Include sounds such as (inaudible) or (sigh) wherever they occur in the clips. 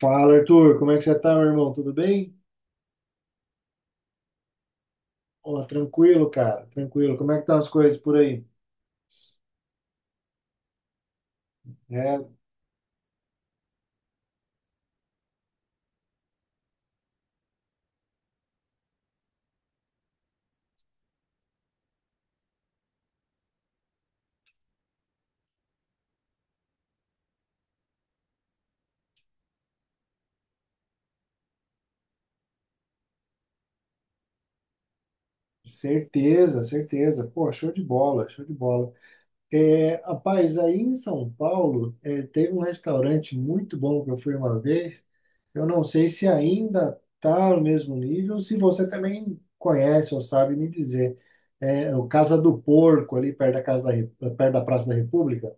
Fala, Arthur, como é que você tá, meu irmão? Tudo bem? Ó, tranquilo, cara, tranquilo. Como é que estão as coisas por aí? É, Certeza, certeza. Pô, show de bola, show de bola. Rapaz, aí em São Paulo, teve um restaurante muito bom que eu fui uma vez. Eu não sei se ainda tá no mesmo nível, se você também conhece ou sabe me dizer. O Casa do Porco, ali perto da Praça da República.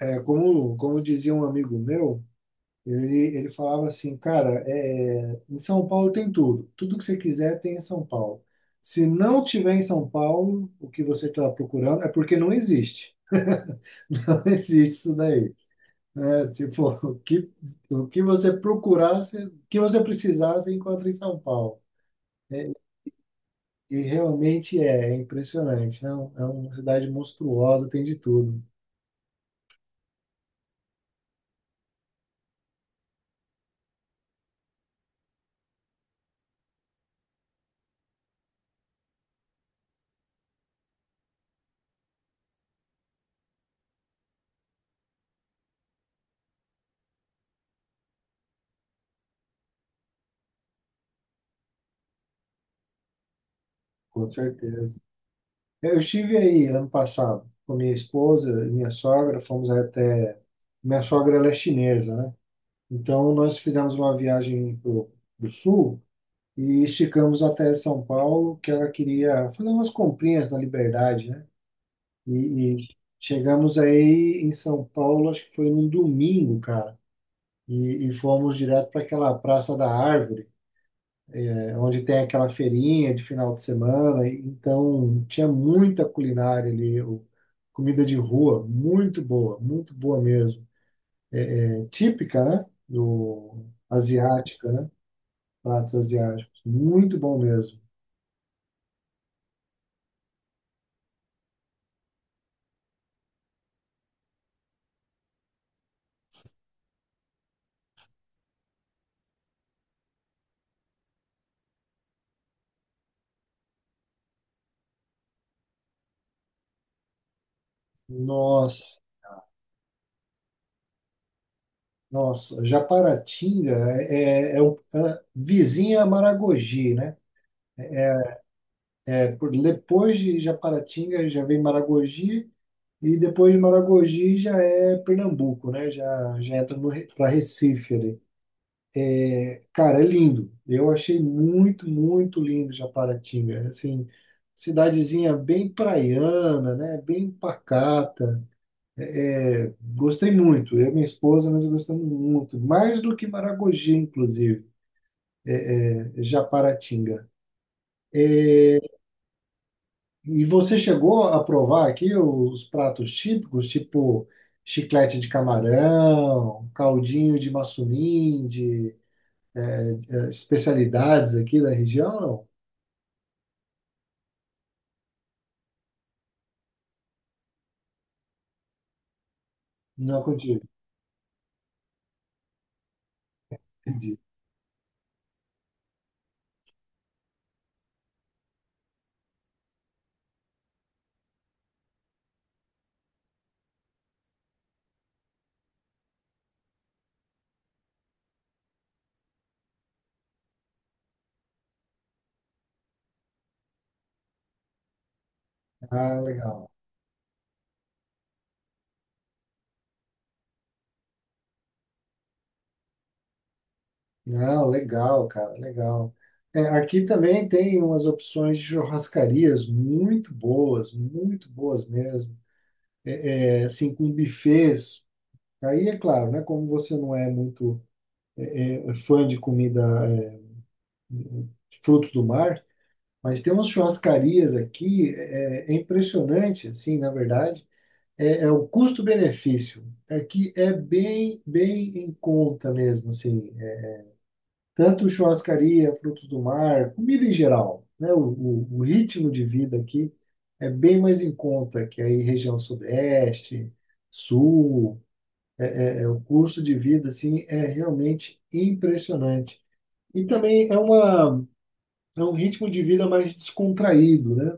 Como dizia um amigo meu. Ele falava assim, cara, em São Paulo tem tudo. Tudo que você quiser tem em São Paulo. Se não tiver em São Paulo, o que você está procurando é porque não existe. (laughs) Não existe isso daí. Né? Tipo, o que você procurasse, o que você precisasse, encontra em São Paulo. E realmente é impressionante. Né? É uma cidade monstruosa, tem de tudo, com certeza. Eu estive aí ano passado com minha esposa e minha sogra, fomos até. Minha sogra ela é chinesa, né? Então nós fizemos uma viagem do sul e esticamos até São Paulo, que ela queria fazer umas comprinhas na Liberdade, né? E chegamos aí em São Paulo, acho que foi num domingo, cara, e fomos direto para aquela Praça da Árvore. É onde tem aquela feirinha de final de semana. Então, tinha muita culinária ali, comida de rua, muito boa mesmo. É típica, né? Do asiática, né? Pratos asiáticos, muito bom mesmo. Nossa, nossa, Japaratinga é a vizinha a Maragogi, né? Depois de Japaratinga já vem Maragogi. E depois de Maragogi já é Pernambuco, né? Já entra para Recife ali. Cara, é lindo. Eu achei muito, muito lindo Japaratinga. Assim, cidadezinha bem praiana, né? Bem pacata. Gostei muito. Eu e minha esposa, nós gostamos muito. Mais do que Maragogi, inclusive, né? Japaratinga. E você chegou a provar aqui os pratos típicos, tipo chiclete de camarão, caldinho de maçuninde, especialidades aqui da região? Não, não contigo. Entendi. Ah, legal. Não, legal, cara, legal. Aqui também tem umas opções de churrascarias muito boas mesmo. Assim, com buffets. Aí é claro, né? Como você não é muito fã de comida, é, de frutos do mar, mas tem umas churrascarias aqui, é impressionante, assim, na verdade. É o custo-benefício. Aqui é bem, bem em conta mesmo, assim. Tanto churrascaria, frutos do mar, comida em geral, né? O ritmo de vida aqui é bem mais em conta que aí região sudeste, sul, é o custo de vida assim é realmente impressionante. E também é uma é um ritmo de vida mais descontraído, né?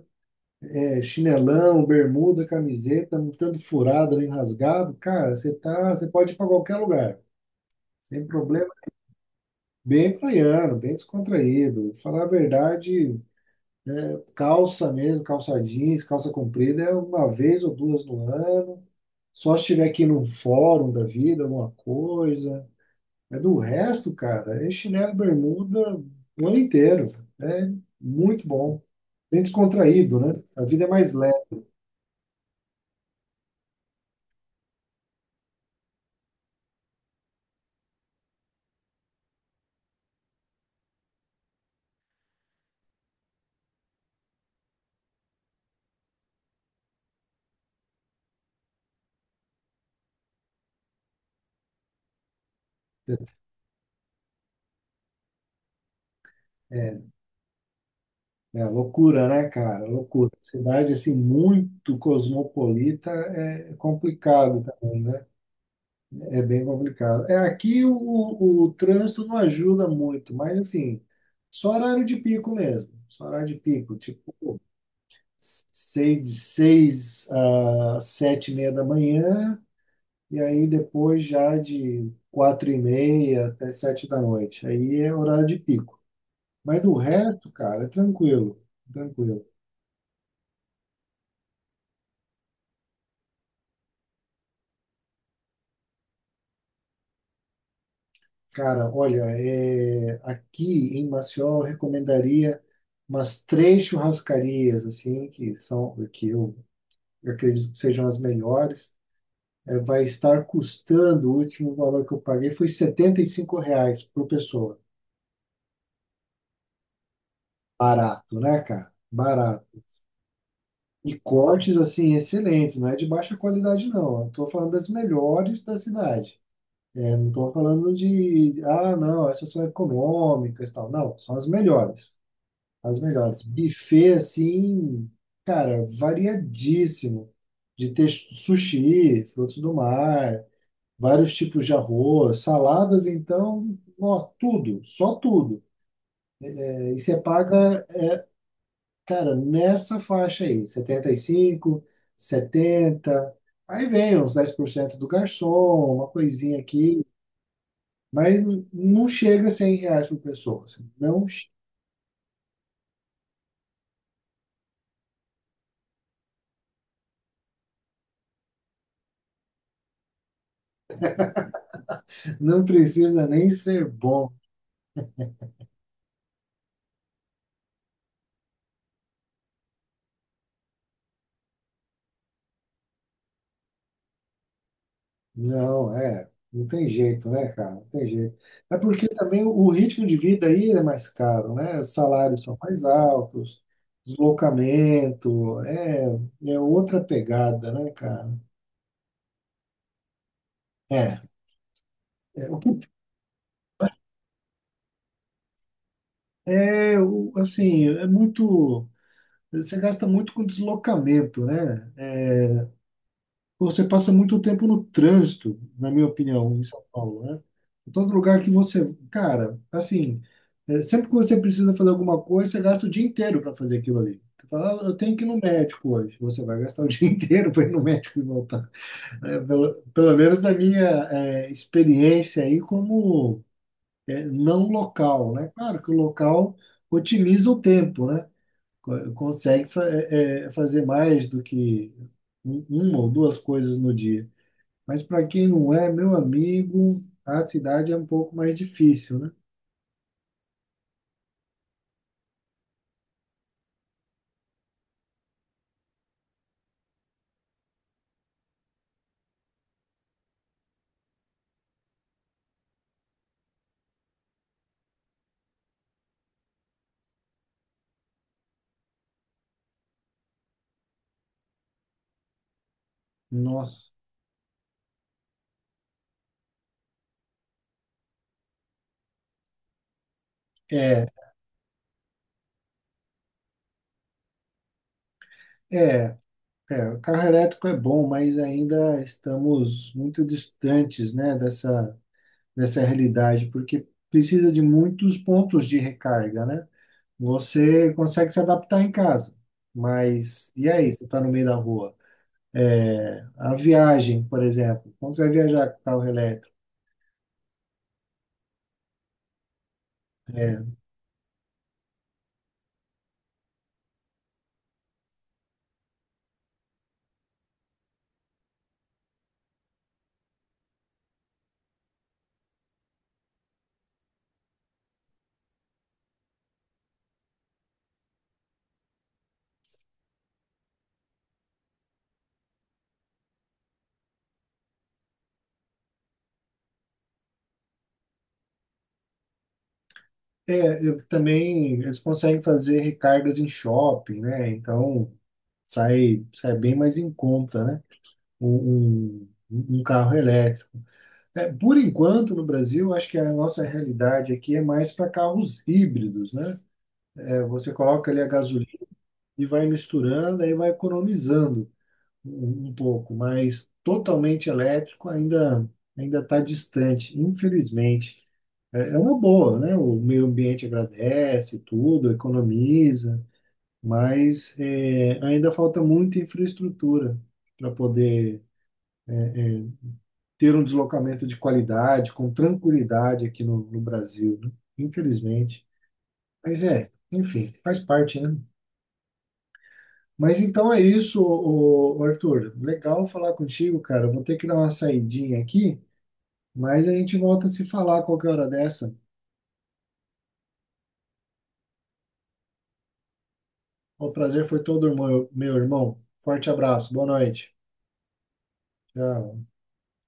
É chinelão, bermuda, camiseta, não tanto furado nem rasgado, cara, você tá, você pode ir para qualquer lugar, sem problema. Bem praiano, bem descontraído. Falar a verdade, calça mesmo, calça jeans, calça comprida é uma vez ou duas no ano. Só se estiver aqui num fórum da vida, alguma coisa. É do resto, cara, é chinelo e bermuda o ano inteiro. É muito bom. Bem descontraído, né? A vida é mais leve. É, é loucura, né, cara? Loucura. Cidade assim muito cosmopolita é complicado também, né? É bem complicado. Aqui o trânsito não ajuda muito, mas assim, só horário de pico mesmo. Só horário de pico, tipo, seis, de seis a 7:30 da manhã, e aí depois já de 4:30 até sete da noite. Aí é horário de pico. Mas do resto, cara, é tranquilo, tranquilo. Cara, olha, aqui em Maceió eu recomendaria umas três churrascarias assim que são que eu acredito que sejam as melhores, vai estar custando, o último valor que eu paguei foi 75 reais por pessoa. Barato, né, cara? Barato. E cortes, assim, excelentes, não é de baixa qualidade, não. Eu tô falando das melhores da cidade. Não estou falando de, ah, não, essas são econômicas e tal. Não, são as melhores. As melhores. Buffet, assim, cara, variadíssimo. De ter sushi, frutos do mar, vários tipos de arroz, saladas, então, ó, tudo, só tudo. E você paga, cara, nessa faixa aí, 75, 70, aí vem uns 10% do garçom, uma coisinha aqui, mas não chega a 100 reais por pessoa. Assim. Não, não precisa nem ser bom. Não, não tem jeito, né, cara? Não tem jeito. É porque também o ritmo de vida aí é mais caro, né? Os salários são mais altos, deslocamento, é outra pegada, né, cara? É, é, o que- é o- assim, é muito, você gasta muito com deslocamento, né? Você passa muito tempo no trânsito, na minha opinião, em São Paulo, né? Em todo lugar que você, cara, assim, sempre que você precisa fazer alguma coisa, você gasta o dia inteiro para fazer aquilo ali. Você fala, "Ah, eu tenho que ir no médico hoje. Você vai gastar o (laughs) dia inteiro para ir no médico e voltar. É, pelo, pelo menos da minha experiência aí como não local, né? Claro que o local otimiza o tempo, né? Consegue fazer mais do que uma ou duas coisas no dia. Mas para quem não é, meu amigo, a cidade é um pouco mais difícil, né? Nossa. É, é, é. O carro elétrico é bom, mas ainda estamos muito distantes, né, dessa realidade, porque precisa de muitos pontos de recarga, né? Você consegue se adaptar em casa, mas e aí? Você está no meio da rua? A viagem, por exemplo, como você vai viajar com carro elétrico? É, eu também eles conseguem fazer recargas em shopping, né? Então sai bem mais em conta, né? Um carro elétrico. Por enquanto, no Brasil, acho que a nossa realidade aqui é mais para carros híbridos, né? Você coloca ali a gasolina e vai misturando, aí vai economizando um pouco, mas totalmente elétrico ainda está distante, infelizmente. É uma boa, né? O meio ambiente agradece tudo, economiza, mas ainda falta muita infraestrutura para poder ter um deslocamento de qualidade, com tranquilidade aqui no Brasil, né? Infelizmente. Mas é, enfim, faz parte, né? Mas então é isso, Arthur. Legal falar contigo, cara. Eu vou ter que dar uma saidinha aqui. Mas a gente volta a se falar a qualquer hora dessa. O prazer foi todo, meu irmão. Forte abraço, boa noite. Tchau.